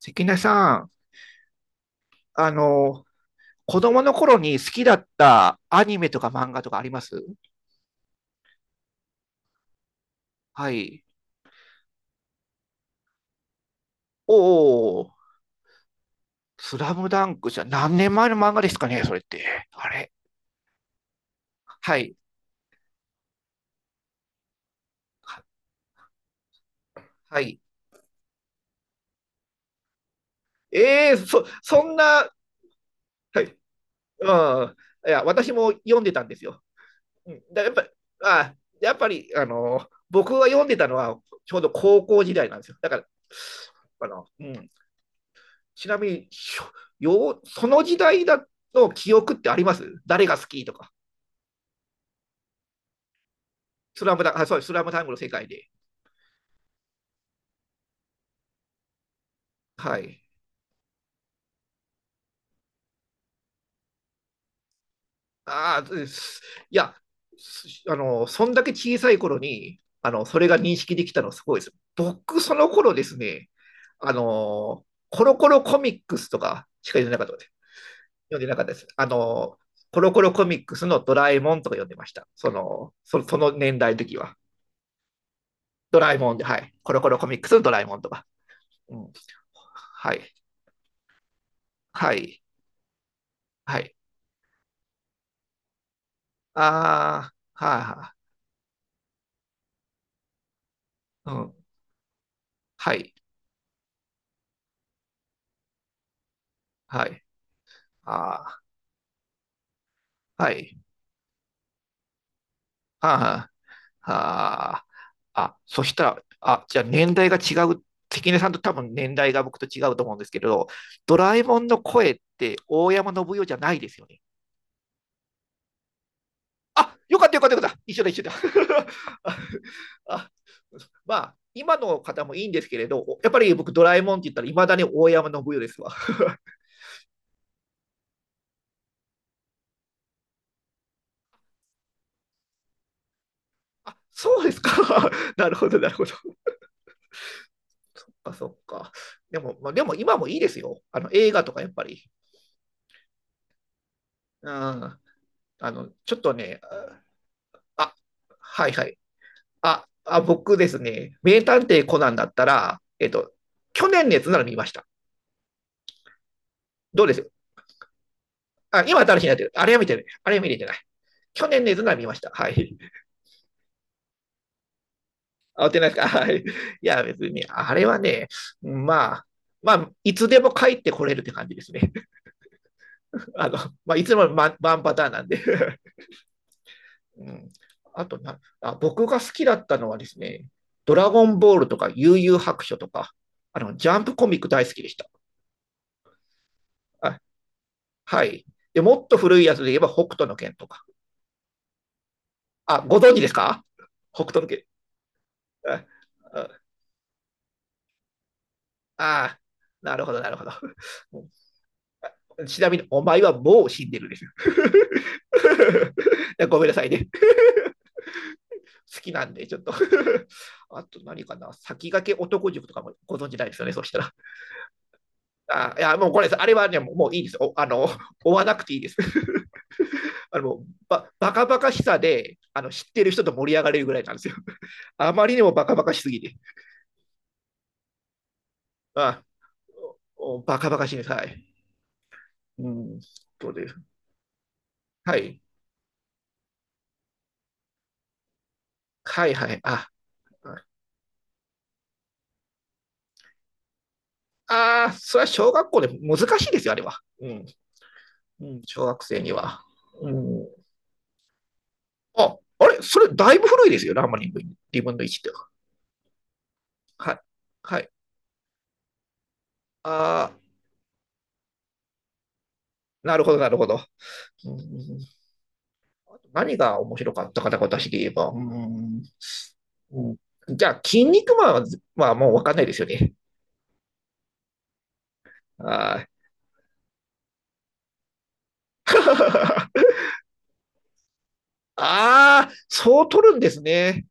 関根さん、あの、子供の頃に好きだったアニメとか漫画とかありますはい。おお、スラムダンクじゃ何年前の漫画ですかね、それって。あれはい。ははい。ええーそ、そんな、はい。うん。いや、私も読んでたんですよ。うん、だやっぱ、あ、やっぱり、僕が読んでたのはちょうど高校時代なんですよ。だから、あの、うん。ちなみに、その時代だの記憶ってあります誰が好きとか。スラムダあそうです、スラムダンクの世界で。はい。ああ、いや、そんだけ小さい頃に、それが認識できたのすごいです。僕、その頃ですね、コロコロコミックスとかしか読んでなかったです。読んでなかったです。コロコロコミックスのドラえもんとか読んでました。その年代の時は。ドラえもんで、はい。コロコロコミックスのドラえもんとか。うん。はい。はい。はい。あーはい。はい。うん。はい。はい。あーはい。ああ、ああ、あ、そしたら、あ、じゃあ年代が違う。関根さんと多分年代が僕と違うと思うんですけれど、ドラえもんの声って大山信代じゃないですよね？あ、よかったよかったよかった。一緒だ一緒だ。あ、あまあ、今の方もいいんですけれど、やっぱり僕ドラえもんって言ったらいまだに大山信代ですわ。あ、そうですか。なるほど、なるほど。あ、そっか。でも、まあ、でも今もいいですよ。映画とかやっぱり。うん。ちょっとね、あ、はいはい。あ、あ、僕ですね、名探偵コナンだったら、去年のやつなら見ました。どうです？あ、今新しいなってる。あれは見てない。あれは見れてない。去年のやつなら見ました。はい。あ、追ってないですか？はい。いや、別にね、あれはね、まあ、まあ、いつでも帰ってこれるって感じですね。あの、まあ、いつもワンワンパターンなんで、うん。あとなあ、僕が好きだったのはですね、ドラゴンボールとか悠々白書とか、ジャンプコミック大好きでした。あ、はい。で、もっと古いやつで言えば北斗の拳とか。あ、ご存知ですか？北斗の拳。あ、あなるほど、なるほど。うん、ちなみに、お前はもう死んでるですよ。ごめんなさいね。好きなんで、ちょっと あと何かな、先駆け男塾とかもご存知ないですよね、そしたら。あ、いや、もうこれです。あれはね、もういいです。お追わなくていいです。あのバカバカしさで知ってる人と盛り上がれるぐらいなんですよ。あまりにもバカバカしすぎて。あ、バカバカしいです。はい。うん、そうです。はい。はいはい。あ、ああ、それは小学校で難しいですよ、あれは。うん。うん、小学生には。うん、あ、あれそれだいぶ古いですよね、ラーマ2分の1って。はい。はい。ああ、なるほど、なるほど。うん、何が面白かったかな、私で言えば。うん、うん、じゃあ、筋肉マンは、まあ、もうわかんないですよね。あー あー、そう取るんですね。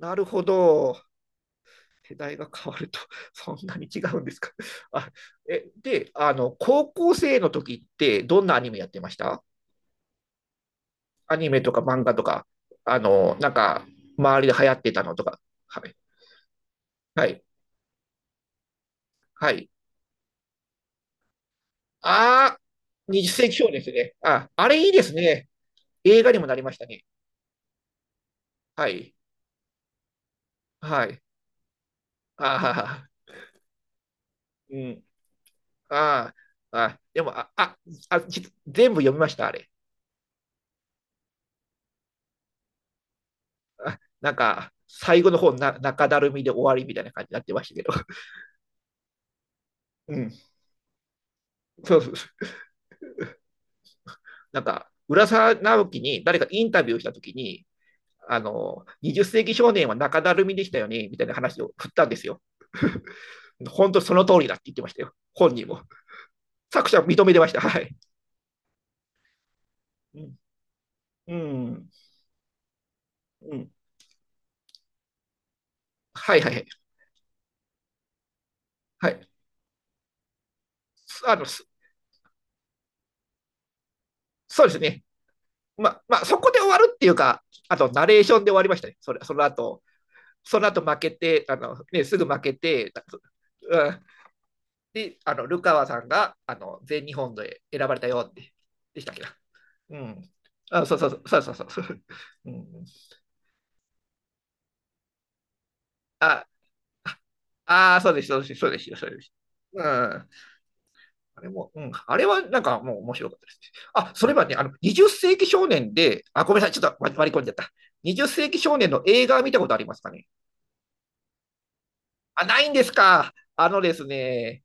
なるほど。世代が変わると、そんなに違うんですか？あ、えで高校生の時って、どんなアニメやってました？アニメとか漫画とか、あの、なんか、周りで流行ってたのとか。はい。はい。はい。ああ、20世紀少年ですね。あ、あれいいですね。映画にもなりましたね。はい。はい。ああ、うん。ああ、あ、でも、あ、あ、あ、じ全部読みました、あれ。あ、なんか、最後の方な、中だるみで終わりみたいな感じになってましたけど。うん。そうそうそう。なんか、浦沢直樹に誰かインタビューしたときに、20世紀少年は中だるみでしたよね、みたいな話を振ったんですよ。本当その通りだって言ってましたよ。本人も。作者認めてました。はい。うん。うん。はいはいはい。はい。そうですね。まあ、そこで終わるっていうか、あと、ナレーションで終わりましたね。それその後、その後負けて、ね、すぐ負けて、うん、で、ルカワさんが、全日本で選ばれたよって、でしたっけな。うん。あ、そうそうそう、そうそうそう。うん、あ、ああ、そうです、そうです、そうですよ、そうです。うん。あれも、うん。あれはなんかもう面白かったですね。あ、それはね、20世紀少年で、あ、ごめんなさい、ちょっと割り込んじゃった。20世紀少年の映画見たことありますかね？あ、ないんですか。あのですね、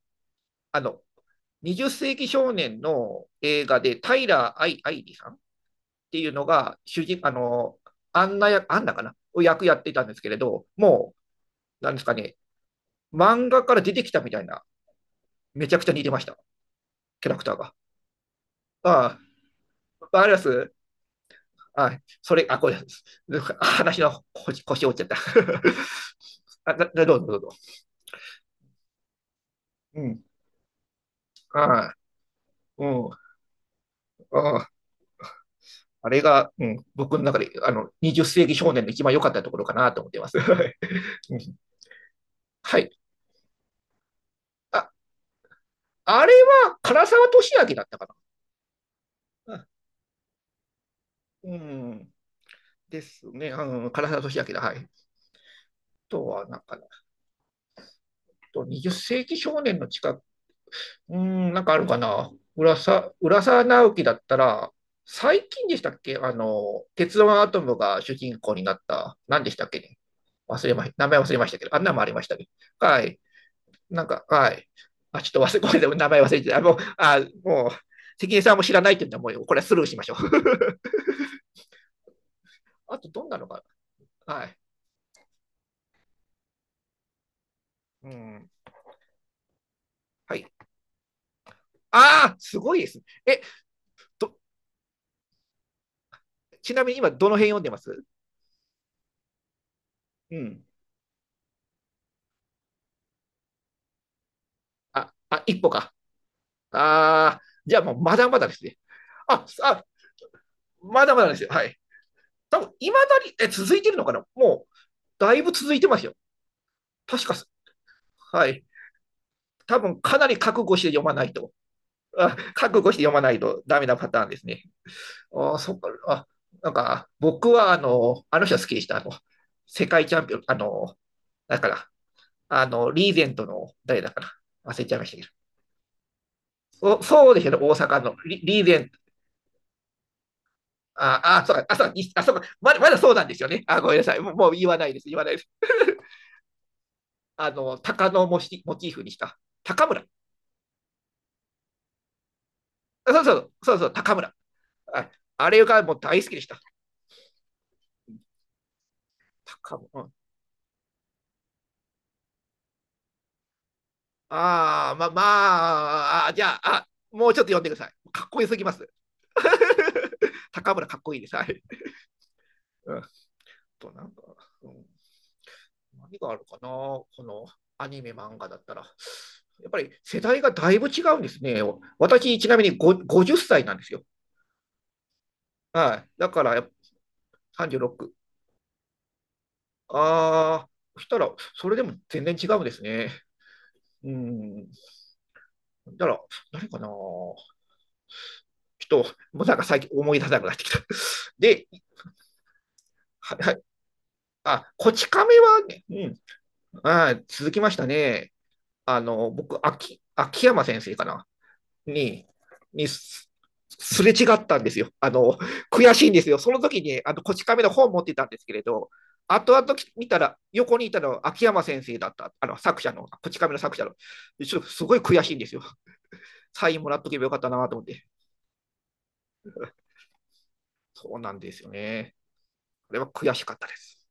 あの、20世紀少年の映画で、タイラー・アイ・アイリさんっていうのが、主人、あの、アンナ役、アンナかなを役やってたんですけれど、もう、なんですかね、漫画から出てきたみたいな、めちゃくちゃ似てました、キャラクターが。ああ、わかります？あ、それ、あ、これ、あ、話の腰折っちゃった。あ、だ、だどうぞどうぞ。うん。あうん。あ、ああ、れが、うん、僕の中で、20世紀少年の一番良かったところかなと思ってます。はい、うん。はい。あ、あれは、唐沢俊明だったかな。うん。ですね。うん、唐沢俊明だ。はい。あとは、なんか、あと20世紀少年のうーん、なんかあるかな。浦沢直樹だったら、最近でしたっけ？あの、鉄腕アトムが主人公になった、何でしたっけね。忘れま、名前忘れましたけど、あんなのもありましたね。はい。なんか、はい。あ、ちょっと忘れ、ごめんなさい、名前忘れてた。あ、もう、あ、もう、関根さんも知らないって言うんだ、もう、これはスルーしましょう。あと、どんなのかな。はい。うん。はい。ああ、すごいですね。え、と、ちなみに今、どの辺読んでます？うん。あ、あ、一歩か。ああ、じゃあもうまだまだですね。あ、あ、まだまだですよ。はい。多分、いまだに、え、続いてるのかな？もう、だいぶ続いてますよ。確か、はい。多分、かなり覚悟して読まないと。あ、覚悟して読まないとダメなパターンですね。あ、そっか、あ、なんか、僕は、あの人好きでした。世界チャンピオン、だから、リーゼントの、誰だかな忘れちゃいましたけど。そうですよね、大阪のリーゼン、ああ、そうか、あ、そうに、あ、そうかまだ、まだそうなんですよね。あ、ごめんなさい。もうもう言わないです、言わないです。鷹のモチーフにした。高村。あ、そうそう、そうそう、高村。あ、あれがもう大好きでした。高村。うん、ああ、まあ、あ、じゃあ、あ、もうちょっと読んでください。かっこよすぎます。高村かっこいいです。はい。うん、となんか、うん、何があるかな、このアニメ、漫画だったら。やっぱり世代がだいぶ違うんですね。私、ちなみに50歳なんですよ。はい。だからやっぱ36。ああ、そしたら、それでも全然違うんですね。うん。だから、何かな。ちょっと、もうなんか最近思い出せなくなってきた。で、はい、はい。あ、こち亀はね、うん。あ、続きましたね。僕、秋山先生かな。に、にすすれ違ったんですよ。悔しいんですよ。その時に、こち亀の本を持ってたんですけれど、後々見たら、横にいたのは秋山先生だった、作者の、こち亀の作者の。ちょっとすごい悔しいんですよ。サインもらっとけばよかったなと思って。そうなんですよね。これは悔しかったです。